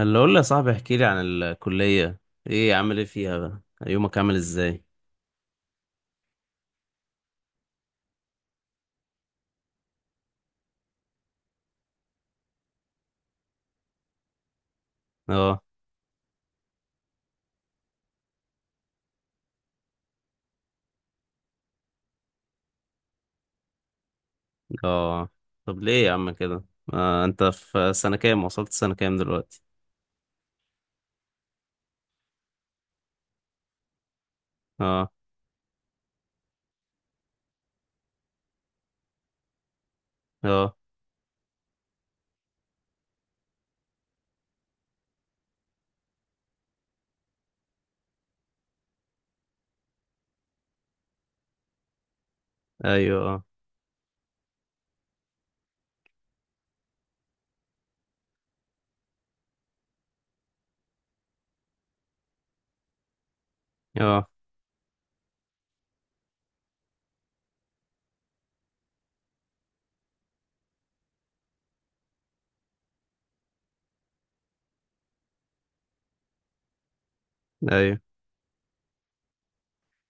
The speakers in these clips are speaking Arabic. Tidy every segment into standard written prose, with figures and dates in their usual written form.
اللي اقول لي يا صاحبي احكي لي عن الكلية. ايه عامل ايه فيها بقى؟ يومك عامل ازاي؟ اه. اه طب ليه يا عم كده؟ انت في سنة كام؟ وصلت سنة كام دلوقتي؟ اه. اه. ايوه اه. اه. ايوه.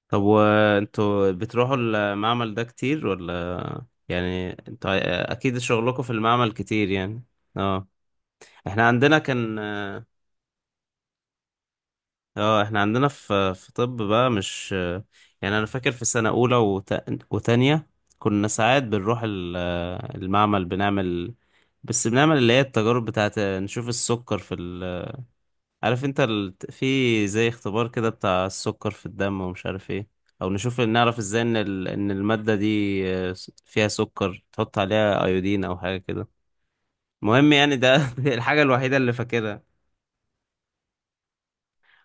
طب وانتوا بتروحوا المعمل ده كتير ولا يعني انتوا اكيد شغلكم في المعمل كتير يعني؟ اه احنا عندنا كان. اه احنا عندنا في طب بقى مش يعني، انا فاكر في سنة اولى وتانية كنا ساعات بنروح المعمل، بنعمل، بس بنعمل اللي هي التجارب بتاعت نشوف السكر في عارف انت في زي اختبار كده بتاع السكر في الدم ومش عارف ايه، او نشوف نعرف ازاي ان ان المادة دي فيها سكر، تحط عليها ايودين او حاجة كده. المهم يعني ده الحاجة الوحيدة اللي فاكرها.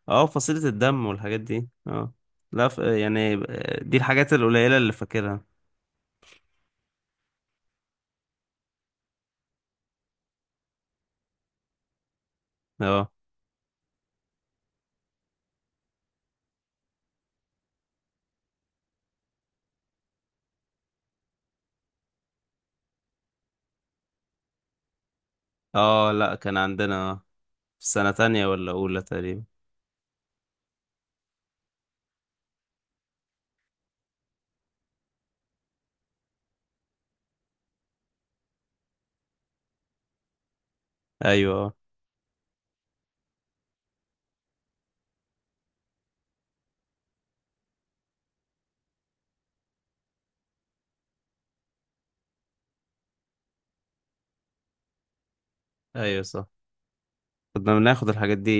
اه فصيلة الدم والحاجات دي اه. لا يعني دي الحاجات القليلة اللي فاكرها. اه. اه لا كان عندنا، في سنة تانية ولا أولى تقريبا. أيوة اه. أيوة صح كنا بناخد الحاجات دي.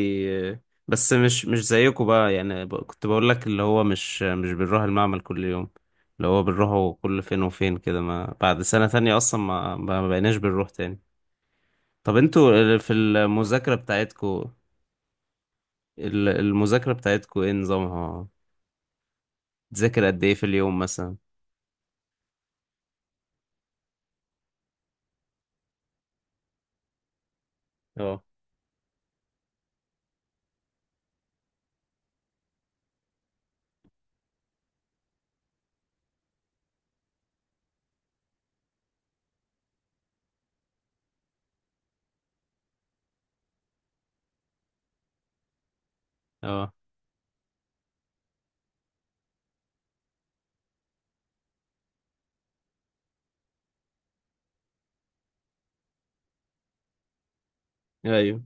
آه، بس مش زيكم بقى يعني كنت بقول لك اللي هو مش بنروح المعمل كل يوم، اللي هو بنروحه كل فين وفين كده. ما بعد سنة تانية أصلا ما بقيناش بنروح تاني. طب انتوا في المذاكرة بتاعتكم، المذاكرة بتاعتكم ايه نظامها؟ تذاكر قد ايه في اليوم مثلا؟ اه. اه. ايوه.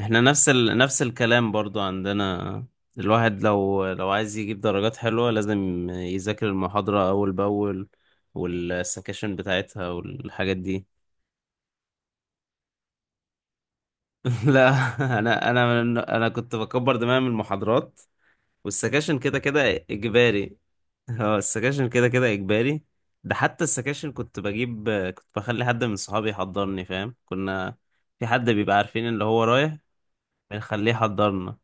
احنا نفس نفس الكلام برضو عندنا. الواحد لو عايز يجيب درجات حلوة لازم يذاكر المحاضرة أول بأول، والسكاشن بتاعتها والحاجات دي. لا. أنا أنا كنت بكبر دماغي من المحاضرات، والسكاشن كده كده إجباري. اه السكاشن كده كده إجباري. ده حتى السكاشن كنت بجيب، كنت بخلي حد من صحابي يحضرني فاهم؟ كنا في حد بيبقى عارفين اللي هو رايح بنخليه يحضر لنا.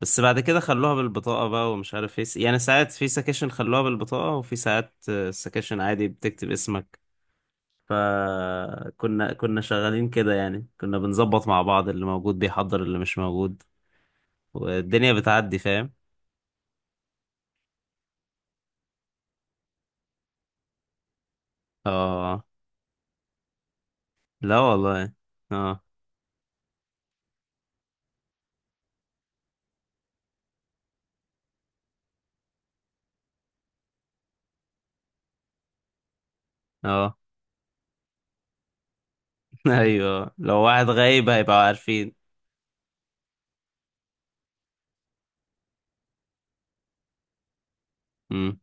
بس بعد كده خلوها بالبطاقة بقى ومش عارف ايه، يعني ساعات في سكاشن خلوها بالبطاقة، وفي ساعات سكاشن عادي بتكتب اسمك. فكنا كنا شغالين كده يعني، كنا بنظبط مع بعض اللي موجود بيحضر اللي مش موجود، والدنيا بتعدي فاهم. اه. لا والله. اه. اه. ايوه لو واحد غايب هيبقوا عارفين. امم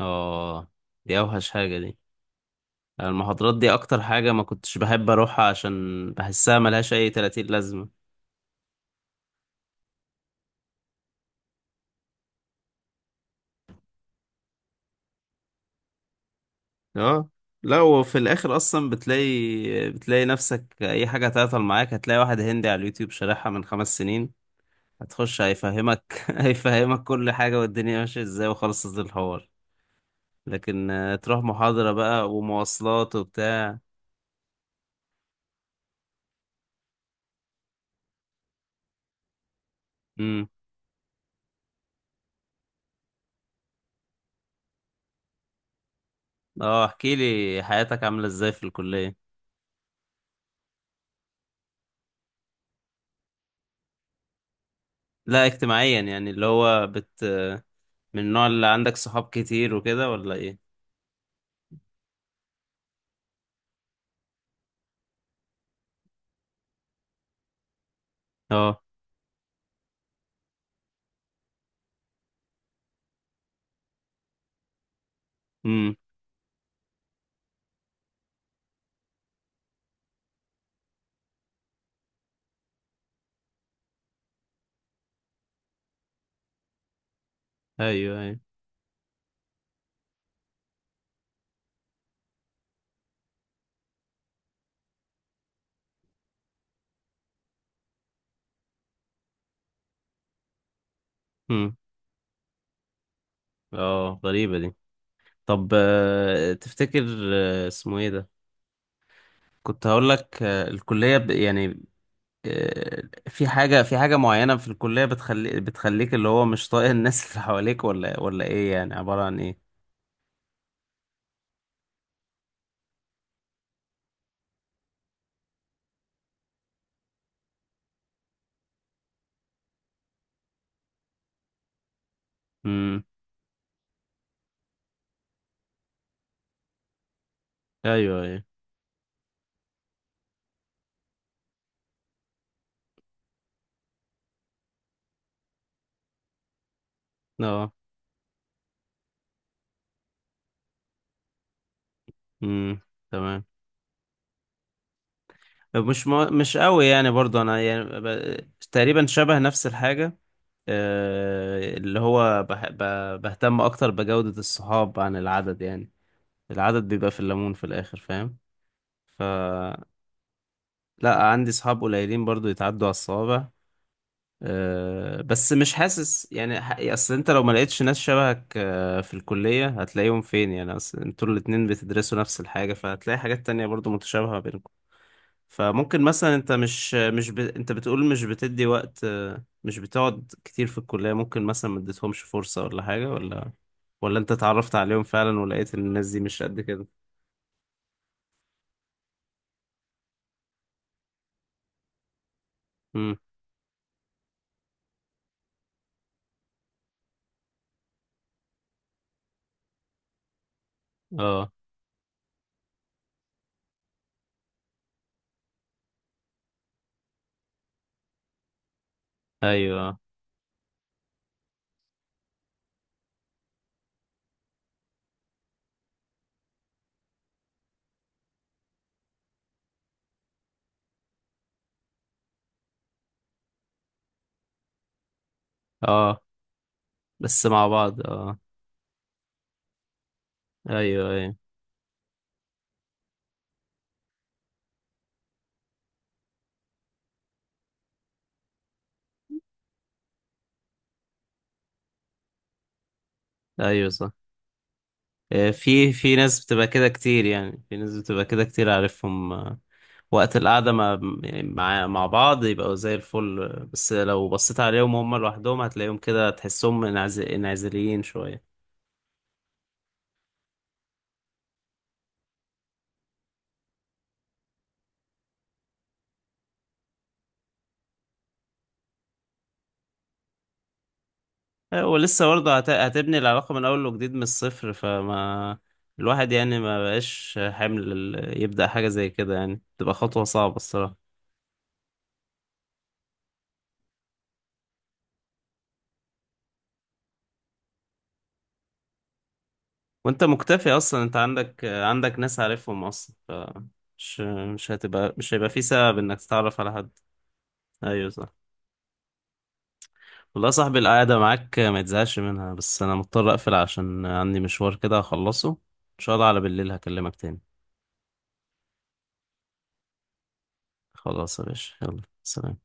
اه دي اوحش حاجة دي، المحاضرات دي اكتر حاجة ما كنتش بحب اروحها عشان بحسها ملهاش اي 30 لازمة. اه لا وفي الاخر اصلا بتلاقي، بتلاقي نفسك اي حاجه تعطل معاك هتلاقي واحد هندي على اليوتيوب شارحها من خمس سنين، هتخش هيفهمك هيفهمك كل حاجه والدنيا ماشيه ازاي وخلصت الحوار. لكن تروح محاضره بقى ومواصلات وبتاع. امم اه احكي لي حياتك عامله ازاي في الكليه. لا اجتماعيا يعني اللي هو من النوع اللي عندك صحاب كتير وكده ولا ايه؟ اه. امم. ايوه ايوه. امم اه غريبه دي. طب تفتكر اسمه ايه ده، كنت هقول لك، الكلية يعني آه، في حاجة، في حاجة معينة في الكلية بتخلي بتخليك اللي هو مش طايق الناس اللي حواليك، ولا ولا ايه يعني، عبارة عن ايه؟ امم ايوه ايوه. اه. امم. تمام. مش ما... مش قوي يعني برضو انا يعني تقريبا شبه نفس الحاجة، اللي هو بهتم اكتر بجودة الصحاب عن العدد يعني، العدد بيبقى في الليمون في الاخر فاهم. ف لا عندي صحاب قليلين برضو يتعدوا على الصوابع. أه بس مش حاسس يعني اصل انت لو ما لقيتش ناس شبهك أه في الكلية هتلاقيهم فين يعني؟ اصل انتوا الاتنين بتدرسوا نفس الحاجة، فهتلاقي حاجات تانية برضو متشابهة بينكم. فممكن مثلا انت مش مش ب... انت بتقول مش بتدي وقت مش بتقعد كتير في الكلية، ممكن مثلا ما اديتهمش فرصة ولا حاجة، ولا ولا انت اتعرفت عليهم فعلا ولقيت ان الناس دي مش قد كده. امم. اه. ايوه. اه بس مع بعض اه. ايوه ايوه. ايوه صح. في في ناس بتبقى كده كتير يعني، في ناس بتبقى كده كتير عارفهم، وقت القعدة مع يعني مع مع بعض يبقوا زي الفل. بس لو بصيت عليهم هم لوحدهم هتلاقيهم كده، تحسهم انعزاليين شوية. ولسه برضه هتبني العلاقة من أول وجديد من الصفر، فما الواحد يعني ما بقاش حمل يبدأ حاجة زي كده يعني، تبقى خطوة صعبة الصراحة. وانت مكتفي اصلا، انت عندك، عندك ناس عارفهم اصلا، مش، مش هتبقى، مش هيبقى في سبب انك تتعرف على حد. ايوه صح. والله يا صاحبي القعده معاك ما تزهقش منها، بس انا مضطر اقفل عشان عندي مشوار كده هخلصه ان شاء الله، على بالليل هكلمك تاني. خلاص يا باشا يلا سلام.